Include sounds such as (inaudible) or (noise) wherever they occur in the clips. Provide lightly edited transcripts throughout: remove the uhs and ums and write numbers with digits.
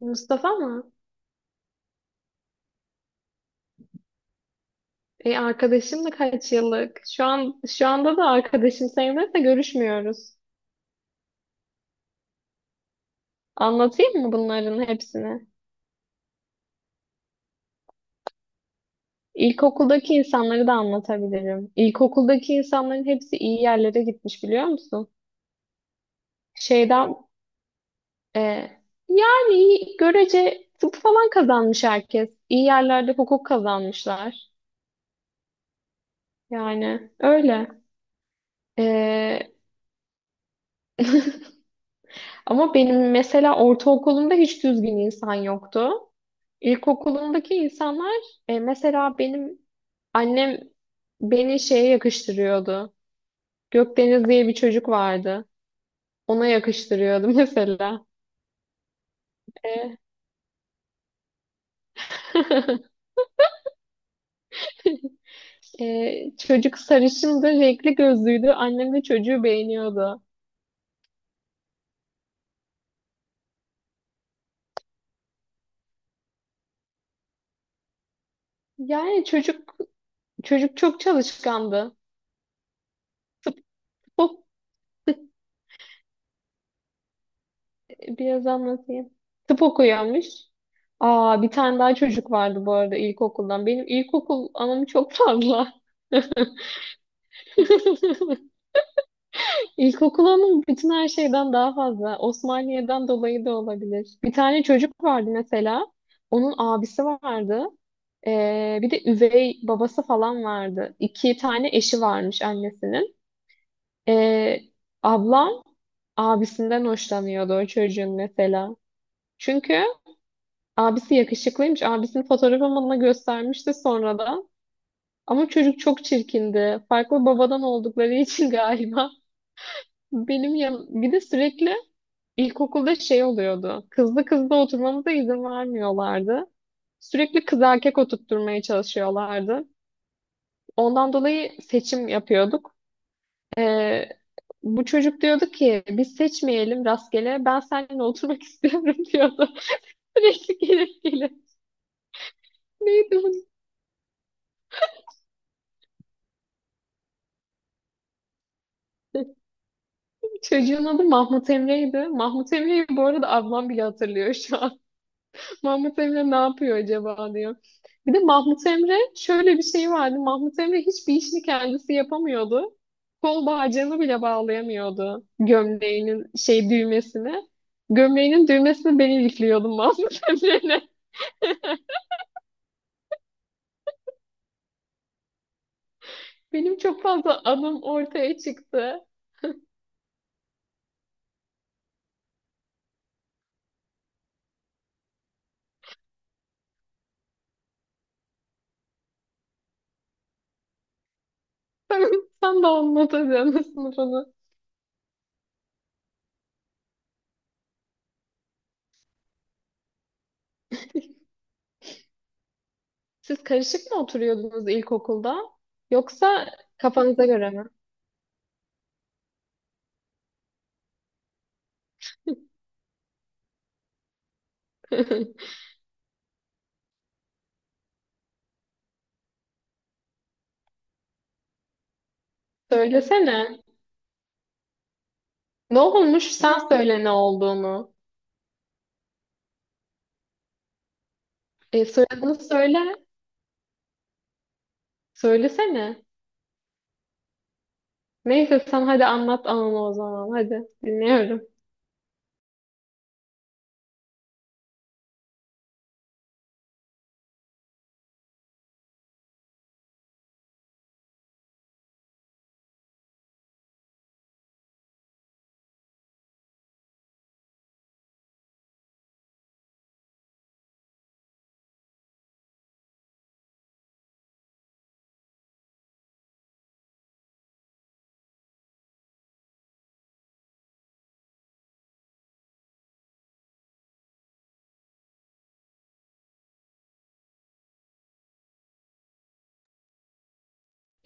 Mustafa mı? Arkadaşım da kaç yıllık. Şu anda da arkadaşım sayılır da görüşmüyoruz. Anlatayım mı bunların hepsini? İlkokuldaki insanları da anlatabilirim. İlkokuldaki insanların hepsi iyi yerlere gitmiş, biliyor musun? Şeyden e, Yani görece tıp falan kazanmış herkes. İyi yerlerde hukuk kazanmışlar. Yani öyle. E, Ama benim mesela ortaokulumda hiç düzgün insan yoktu. İlkokulumdaki insanlar, mesela benim annem beni şeye yakıştırıyordu. Gökdeniz diye bir çocuk vardı. Ona yakıştırıyordu (laughs) mesela. E, (laughs) çocuk sarışındı, renkli gözlüydü. Annem de çocuğu beğeniyordu. Yani çocuk çok çalışkandı. Tıp ok, biraz anlatayım. Tıp okuyormuş. Aa, bir tane daha çocuk vardı bu arada ilkokuldan. Benim ilkokul anım çok fazla. (laughs) İlkokul ama bütün her şeyden daha fazla. Osmaniye'den dolayı da olabilir. Bir tane çocuk vardı mesela. Onun abisi vardı. Bir de üvey babası falan vardı. İki tane eşi varmış annesinin. Ee, ablam abisinden hoşlanıyordu o çocuğun mesela. Çünkü abisi yakışıklıymış. Abisinin fotoğrafını bana göstermişti sonradan. Ama çocuk çok çirkindi. Farklı babadan oldukları (laughs) için galiba. Benim yan... Bir de sürekli İlkokulda şey oluyordu. Kızlı kızlı oturmamıza izin vermiyorlardı. Sürekli kız erkek oturtturmaya çalışıyorlardı. Ondan dolayı seçim yapıyorduk. Ee, bu çocuk diyordu ki biz seçmeyelim rastgele, ben seninle oturmak (laughs) istiyorum diyordu. Sürekli gelip gelip. Neydi bu? Çocuğun adı Mahmut Emre'ydi. Mahmut Emre'yi bu arada ablam bile hatırlıyor şu an. Mahmut Emre ne yapıyor acaba diyor. Bir de Mahmut Emre şöyle bir şey vardı. Mahmut Emre hiçbir işini kendisi yapamıyordu. Kol bağcığını bile bağlayamıyordu, gömleğinin şey düğmesine. Gömleğinin düğmesini ben ilikliyordum Mahmut (laughs) Emre'yle. Benim çok fazla adım ortaya çıktı. (laughs) Sen, sen de anlatacaksın (laughs) sınıfını. Siz karışık mı oturuyordunuz ilkokulda? Yoksa kafanıza göre mi? (laughs) Söylesene. Ne olmuş? Sen söyle ne olduğunu. Soyadını söyle. Söylesene. Neyse sen hadi anlat ananı o zaman. Hadi dinliyorum.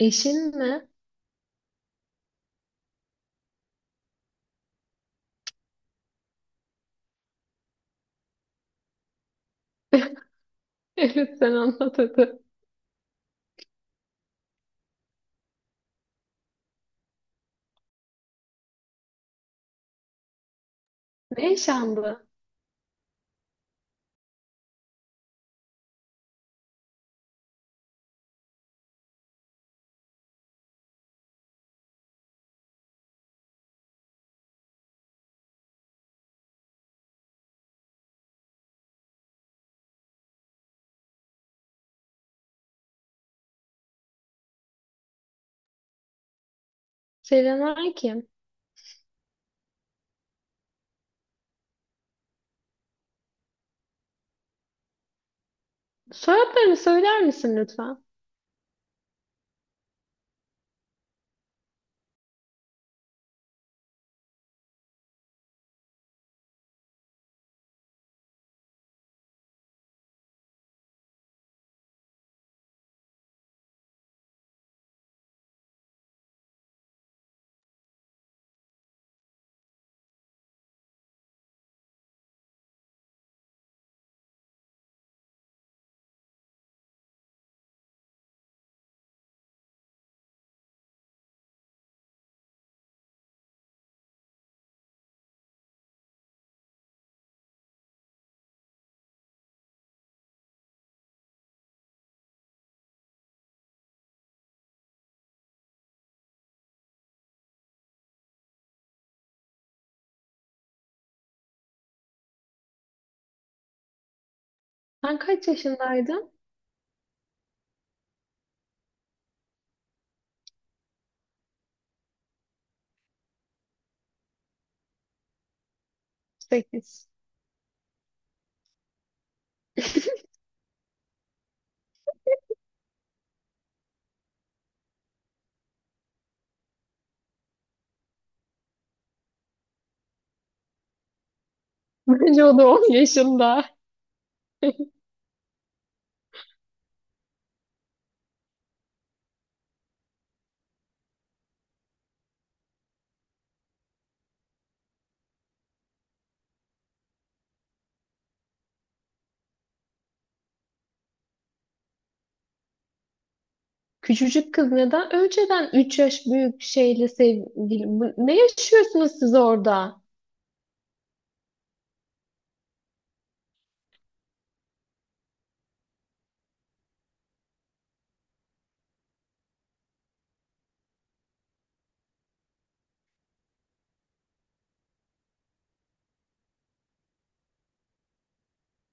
Eşin mi? (laughs) Evet, sen anlat hadi. Ne yaşandı? Selenay kim? Soyadlarını söyler misin lütfen? Sen kaç yaşındaydın? Sekiz. Bence o da 10 yaşında. Küçücük kız neden önceden 3 yaş büyük şeyle sevgili? Bu- ne yaşıyorsunuz siz orada?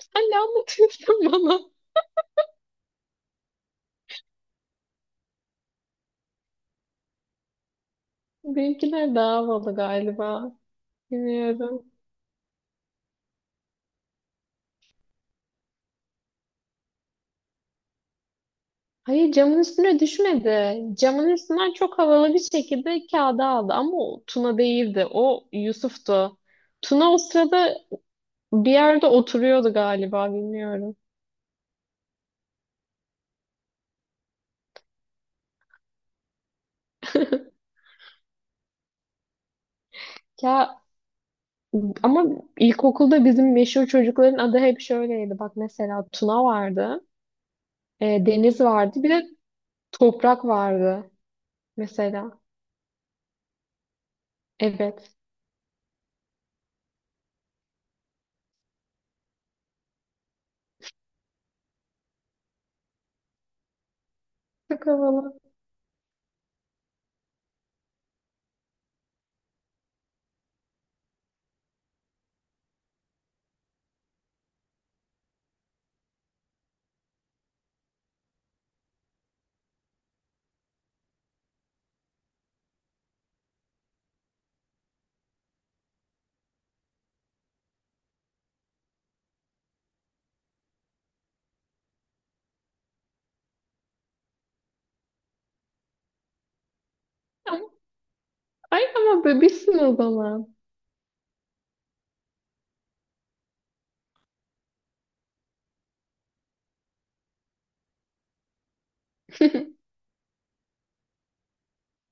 Sen ne anlatıyorsun (laughs) bana? Benimkiler daha havalı galiba. Bilmiyorum. Hayır, camın üstüne düşmedi. Camın üstünden çok havalı bir şekilde kağıda aldı, ama o Tuna değildi. O Yusuf'tu. Tuna o sırada bir yerde oturuyordu galiba, bilmiyorum. (laughs) Ya ama ilkokulda bizim meşhur çocukların adı hep şöyleydi. Bak mesela Tuna vardı, Deniz vardı, bir de Toprak vardı mesela. Evet. Çok havalı. Ama- ay ama bebişsin o zaman. (laughs)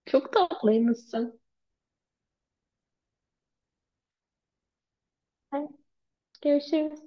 Çok tatlıymışsın. Hadi görüşürüz.